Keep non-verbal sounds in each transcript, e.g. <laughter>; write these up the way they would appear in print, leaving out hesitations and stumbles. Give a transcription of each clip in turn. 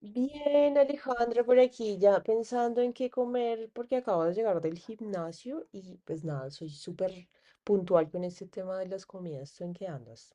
Bien, Alejandra, por aquí ya pensando en qué comer, porque acabo de llegar del gimnasio y pues nada, soy súper puntual con este tema de las comidas. ¿Tú en qué andas?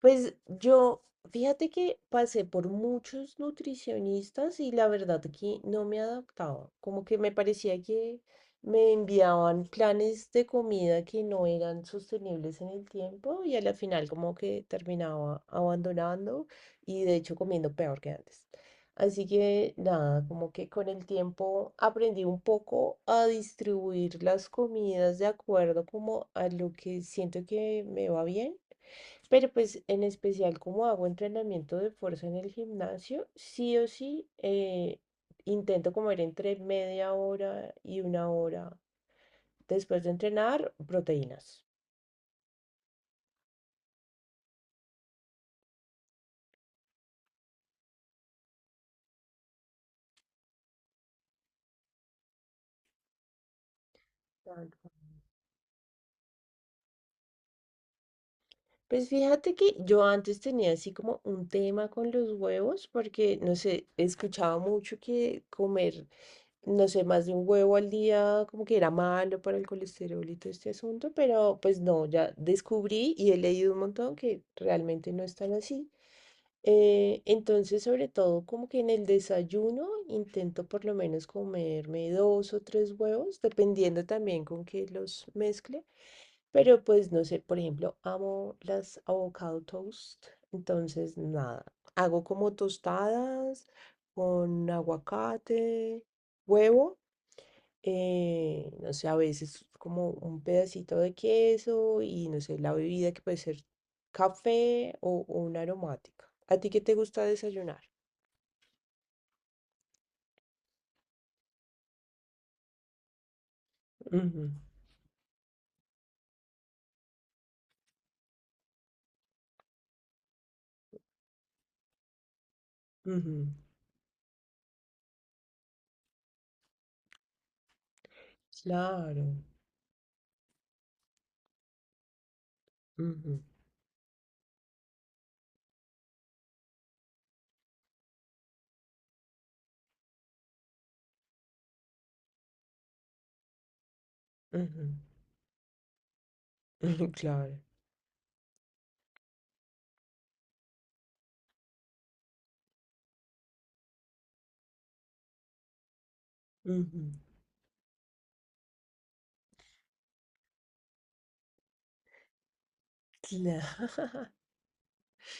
Pues yo, fíjate que pasé por muchos nutricionistas y la verdad que no me adaptaba. Como que me parecía que me enviaban planes de comida que no eran sostenibles en el tiempo y a la final como que terminaba abandonando y de hecho comiendo peor que antes. Así que nada, como que con el tiempo aprendí un poco a distribuir las comidas de acuerdo como a lo que siento que me va bien, pero pues en especial como hago entrenamiento de fuerza en el gimnasio, sí o sí, intento comer entre media hora y una hora después de entrenar proteínas. Tal cual. Pues fíjate que yo antes tenía así como un tema con los huevos porque, no sé, escuchaba mucho que comer, no sé, más de un huevo al día, como que era malo para el colesterol y todo este asunto, pero pues no, ya descubrí y he leído un montón que realmente no es tan así. Entonces, sobre todo, como que en el desayuno intento por lo menos comerme dos o tres huevos, dependiendo también con qué los mezcle. Pero pues no sé, por ejemplo, amo las avocado toast. Entonces, nada, hago como tostadas con aguacate, huevo, no sé, a veces como un pedacito de queso y no sé, la bebida que puede ser café o una aromática. ¿A ti qué te gusta desayunar? Ujú, ujú, claro. Ujú, ujú, <laughs> claro. Ujú, claro.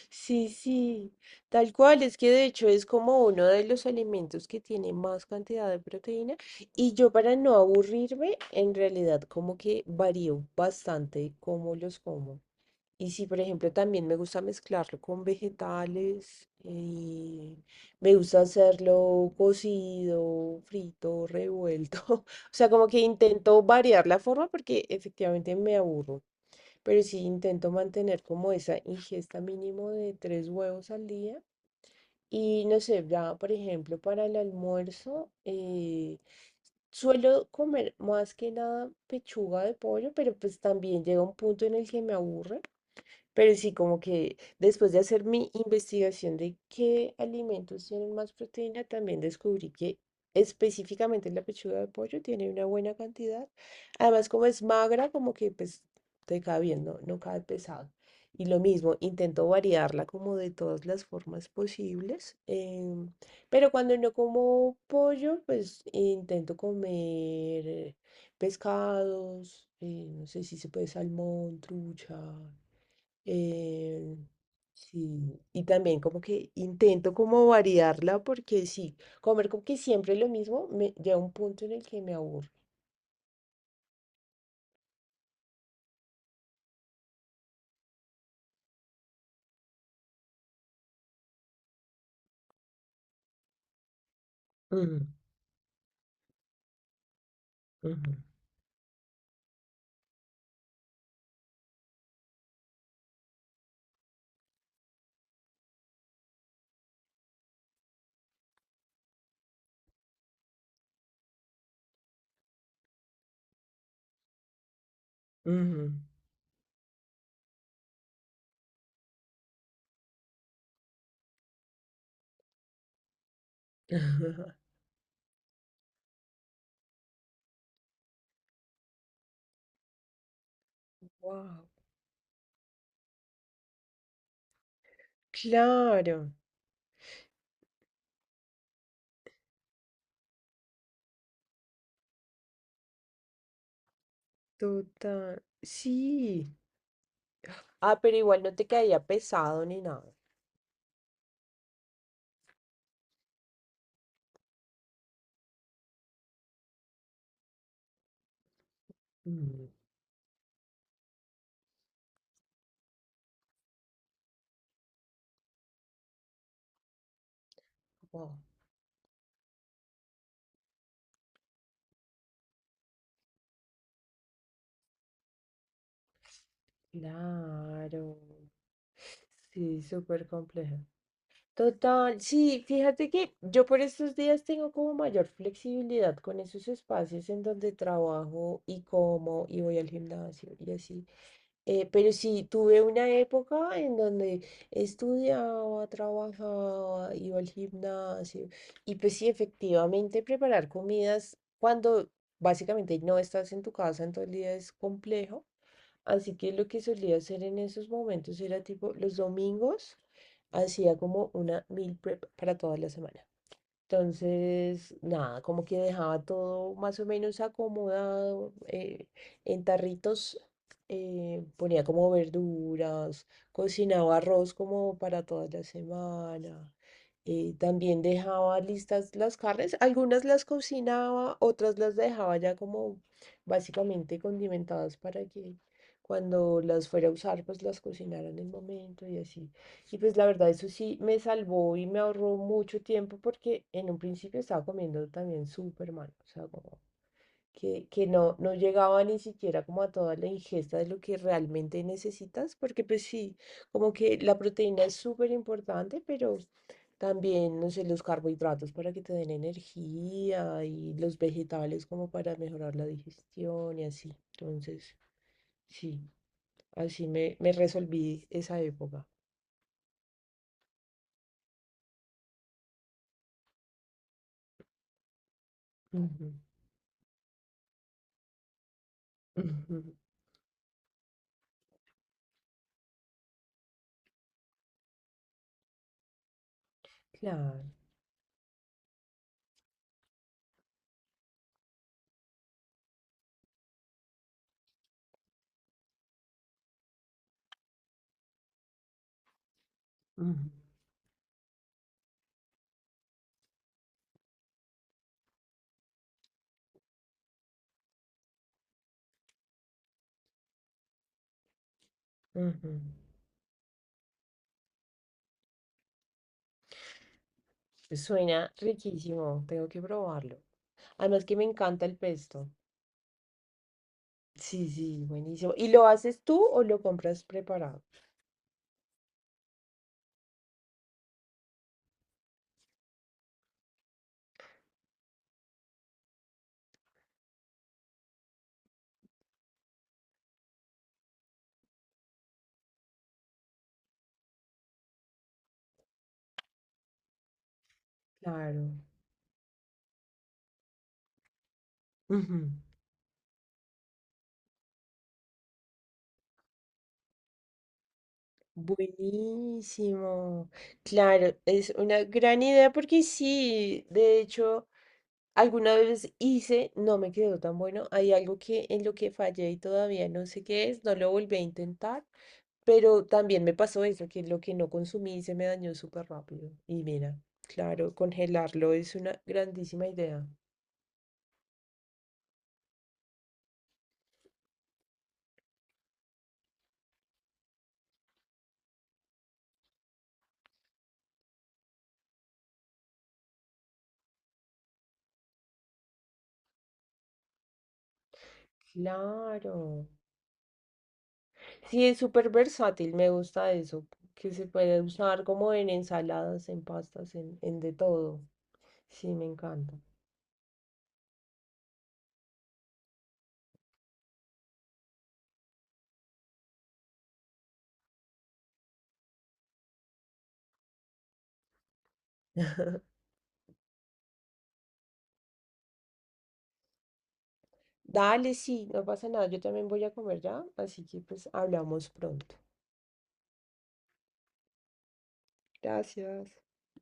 Sí, sí, tal cual, es que de hecho es como uno de los alimentos que tiene más cantidad de proteína y yo, para no aburrirme, en realidad como que varío bastante cómo los como. Y si por ejemplo también me gusta mezclarlo con vegetales, y me gusta hacerlo cocido, frito, revuelto, <laughs> o sea, como que intento variar la forma porque efectivamente me aburro, pero sí intento mantener como esa ingesta mínimo de tres huevos al día. Y no sé, ya por ejemplo para el almuerzo, suelo comer más que nada pechuga de pollo, pero pues también llega un punto en el que me aburre. Pero sí, como que después de hacer mi investigación de qué alimentos tienen más proteína, también descubrí que específicamente la pechuga de pollo tiene una buena cantidad. Además, como es magra, como que pues te cae bien, no, no cae pesado. Y lo mismo, intento variarla como de todas las formas posibles. Pero cuando no como pollo, pues intento comer pescados, no sé si se puede, salmón, trucha, eh, sí, y también como que intento como variarla porque sí, comer como que siempre lo mismo me llega un punto en el que me aburre. Ujú, ujú, ujú. <laughs> Wow, claro, total. Sí. Ah, pero igual no te caía pesado ni nada. Mm, wow, claro. Sí, súper complejo. Total, sí, fíjate que yo por estos días tengo como mayor flexibilidad con esos espacios en donde trabajo y como y voy al gimnasio y así. Pero sí, tuve una época en donde estudiaba, trabajaba, iba al gimnasio y pues sí, efectivamente preparar comidas cuando básicamente no estás en tu casa en todo el día es complejo. Así que lo que solía hacer en esos momentos era tipo los domingos hacía como una meal prep para toda la semana. Entonces, nada, como que dejaba todo más o menos acomodado, en tarritos, ponía como verduras, cocinaba arroz como para toda la semana. También dejaba listas las carnes, algunas las cocinaba, otras las dejaba ya como básicamente condimentadas para que cuando las fuera a usar, pues las cocinara en el momento y así. Y pues la verdad, eso sí me salvó y me ahorró mucho tiempo porque en un principio estaba comiendo también súper mal, o sea, como que no, no llegaba ni siquiera como a toda la ingesta de lo que realmente necesitas, porque pues sí, como que la proteína es súper importante, pero también, no sé, los carbohidratos para que te den energía y los vegetales como para mejorar la digestión y así. Entonces, sí, así me resolví esa época. Ujú. Ujú, claro. Ujú, ujú. Suena riquísimo, tengo que probarlo. Además que me encanta el pesto. Sí, sí, buenísimo. ¿Y lo haces tú o lo compras preparado? Claro. Ujú, buenísimo. Claro, es una gran idea porque sí, de hecho. Alguna vez hice, no me quedó tan bueno. Hay algo que en lo que fallé y todavía no sé qué es, no lo volví a intentar, pero también me pasó eso, que lo que no consumí se me dañó súper rápido. Y mira, claro, congelarlo es una grandísima idea. Claro. Sí, es súper versátil, me gusta eso, que se puede usar como en ensaladas, en pastas, en, de todo. Sí, me encanta. Dale, sí, no pasa nada, yo también voy a comer ya, así que pues hablamos pronto. Gracias.